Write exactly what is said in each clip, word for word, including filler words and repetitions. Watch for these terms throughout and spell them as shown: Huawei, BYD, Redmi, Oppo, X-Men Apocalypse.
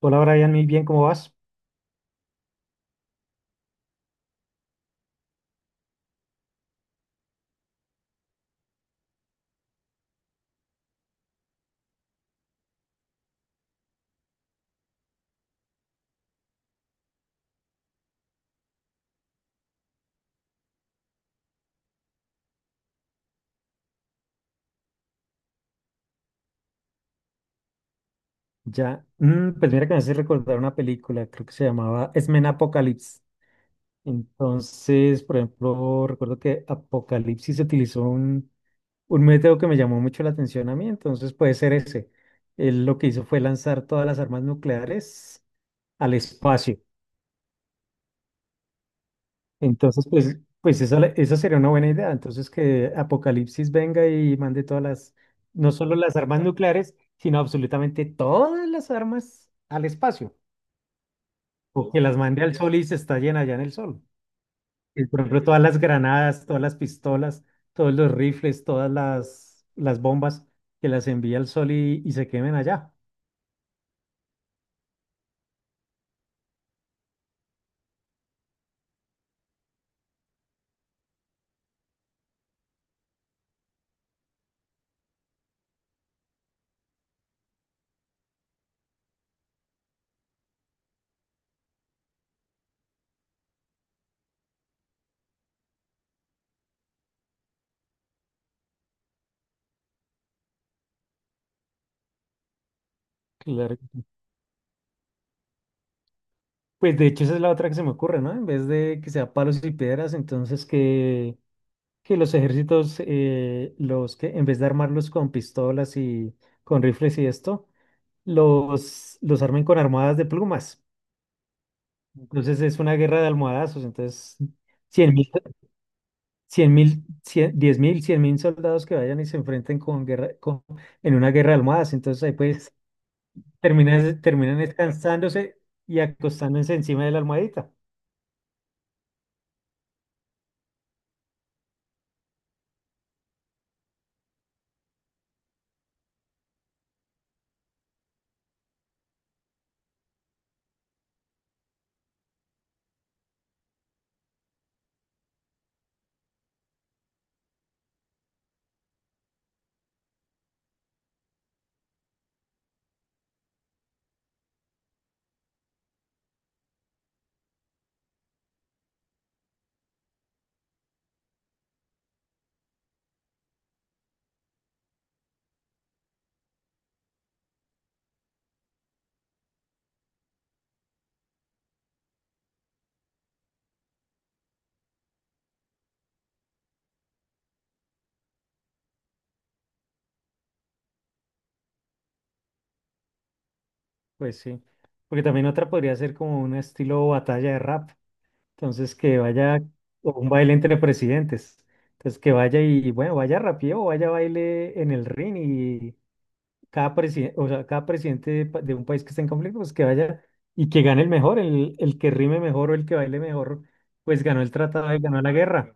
Hola Brian, muy bien, ¿cómo vas? Ya, mm, pues mira que me hace recordar una película, creo que se llamaba X-Men Apocalypse. Entonces, por ejemplo, recuerdo que Apocalipsis utilizó un, un método que me llamó mucho la atención a mí, entonces puede ser ese. Él lo que hizo fue lanzar todas las armas nucleares al espacio. Entonces, pues, pues esa, le- esa sería una buena idea. Entonces, que Apocalipsis venga y mande todas las, no solo las armas nucleares, sino absolutamente todas las armas al espacio. O que las mande al sol y se estallen allá en el sol. Y, por ejemplo, todas las granadas, todas las pistolas, todos los rifles, todas las, las bombas que las envía al sol y, y se quemen allá. Claro. Pues de hecho esa es la otra que se me ocurre, ¿no? En vez de que sea palos y piedras, entonces que, que los ejércitos, eh, los que en vez de armarlos con pistolas y con rifles y esto, los, los armen con almohadas de plumas. Entonces es una guerra de almohadazos. Entonces, cien mil cien mil, cien- diez mil, cien mil soldados que vayan y se enfrenten con guerra, con, en una guerra de almohadas. Entonces ahí pues terminan, terminan descansándose y acostándose encima de la almohadita. Pues sí, porque también otra podría ser como un estilo batalla de rap. Entonces que vaya o un baile entre presidentes. Entonces que vaya y bueno, vaya rapeo, vaya baile en el ring cada presidente, o sea, cada presidente de, pa- de un país que está en conflicto, pues que vaya y que gane el mejor, el, el que rime mejor o el que baile mejor, pues ganó el tratado y ganó la guerra.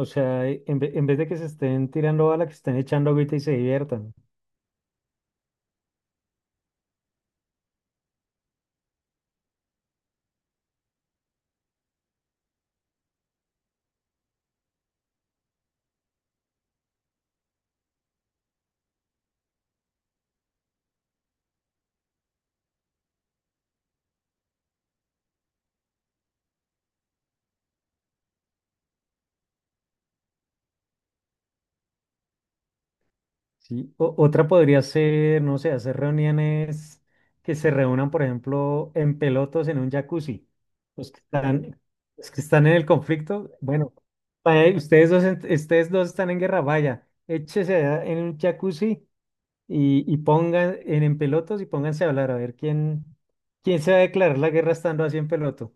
O sea, e- en, ve- en vez de que se estén tirando bala, que se estén echando agüita y se diviertan. ¿Sí? O- otra podría ser, no sé, hacer reuniones que se reúnan, por ejemplo, en pelotos en un jacuzzi. Los que están, los que están en el conflicto, bueno, vaya, ustedes dos, en- ustedes dos están en guerra, vaya, échese allá en un jacuzzi y, y pongan en, en pelotos y pónganse a hablar a ver quién, quién se va a declarar la guerra estando así en peloto.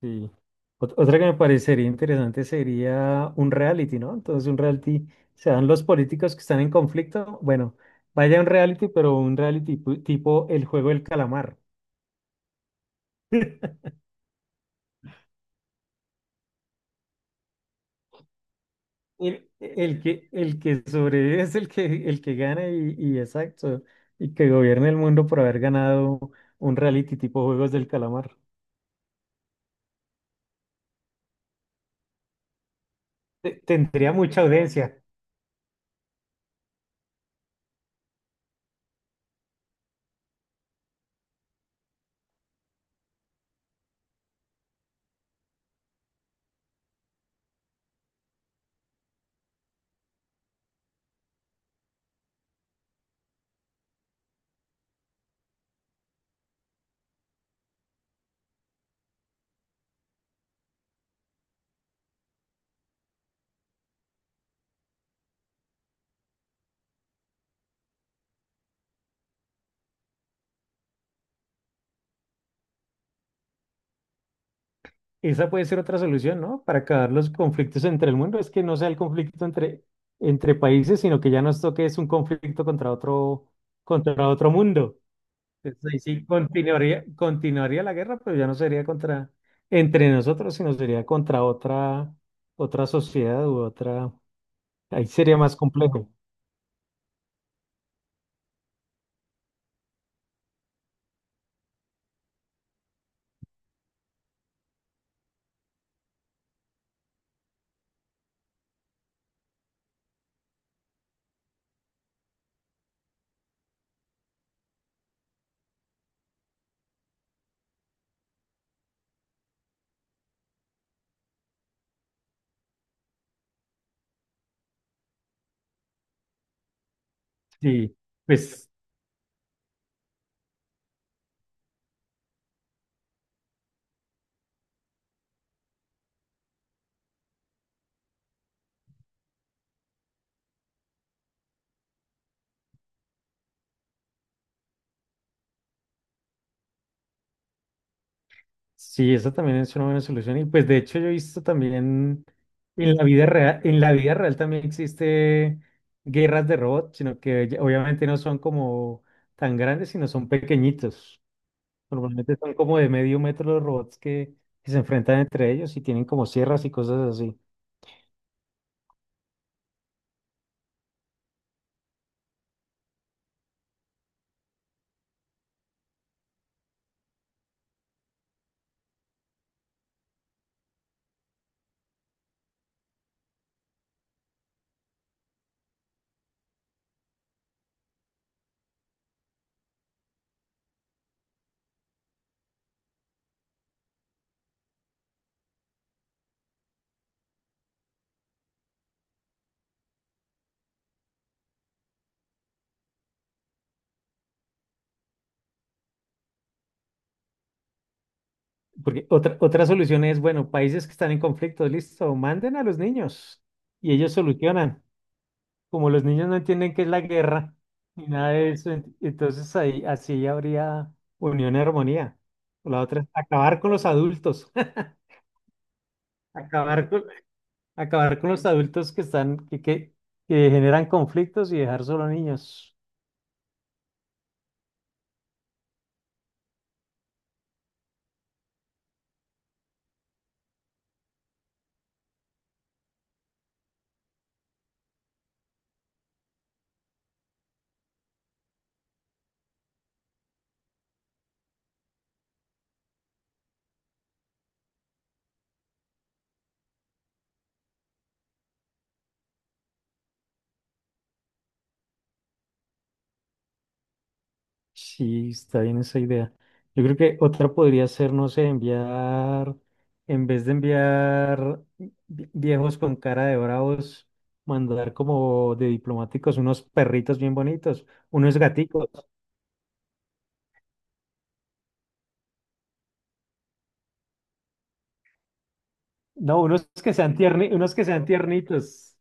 Sí. Ot- Otra que me parecería interesante sería un reality, ¿no? Entonces un reality, se dan los políticos que están en conflicto, bueno, vaya un reality, pero un reality pu- tipo el juego del calamar. El, el que, el que sobrevive es el que, el que gana y, y exacto, y que gobierne el mundo por haber ganado un reality tipo Juegos del Calamar. Te- Tendría mucha audiencia. Esa puede ser otra solución, ¿no? Para acabar los conflictos entre el mundo, es que no sea el conflicto entre, entre países, sino que ya nos toque es un conflicto contra otro, contra otro mundo. Entonces, ahí sí continuaría, continuaría la guerra, pero ya no sería contra entre nosotros, sino sería contra otra, otra sociedad u otra. Ahí sería más complejo. Sí, pues sí, esa también es una buena solución. Y pues de hecho yo he visto también en la vida real, en la vida real también existe guerras de robots, sino que ya- obviamente no son como tan grandes, sino son pequeñitos. Normalmente son como de medio metro los robots que, que se enfrentan entre ellos y tienen como sierras y cosas así. Porque otra, otra solución es, bueno, países que están en conflicto, listo, manden a los niños y ellos solucionan. Como los niños no entienden qué es la guerra ni nada de eso, ent- entonces ahí así habría unión y armonía. La otra es acabar con los adultos, acabar con, acabar con los adultos que están, que, que, que generan conflictos y dejar solo niños. Sí, está bien esa idea. Yo creo que otra podría ser, no sé, enviar, en vez de enviar vi- viejos con cara de bravos, mandar como de diplomáticos unos perritos bien bonitos, unos gaticos. No, unos que sean tierni, unos que sean tiernitos.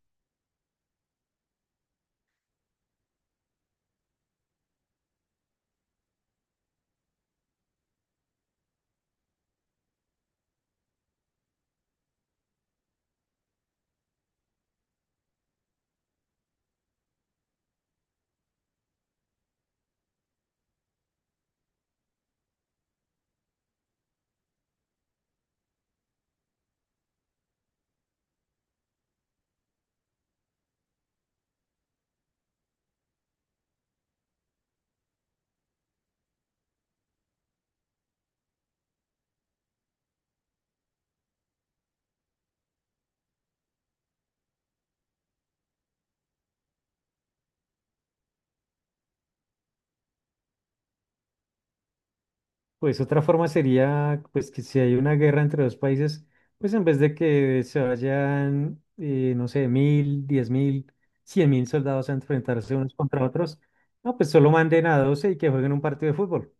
Pues otra forma sería, pues que si hay una guerra entre dos países, pues en vez de que se vayan, eh, no sé, mil, diez mil, cien mil soldados a enfrentarse unos contra otros, no, pues solo manden a doce y que jueguen un partido de fútbol.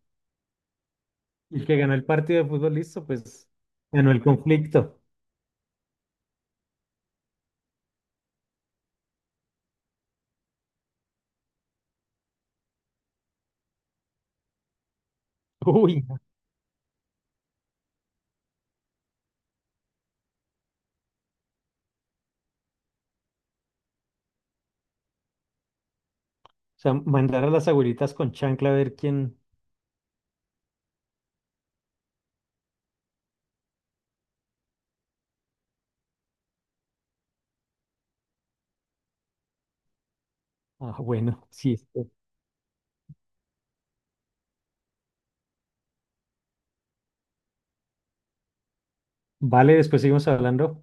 Y el que ganó el partido de fútbol, listo, pues ganó el conflicto. Uy, no, o sea, mandar a las abuelitas con chancla a ver quién. Ah, bueno, sí. este, Vale, después seguimos hablando.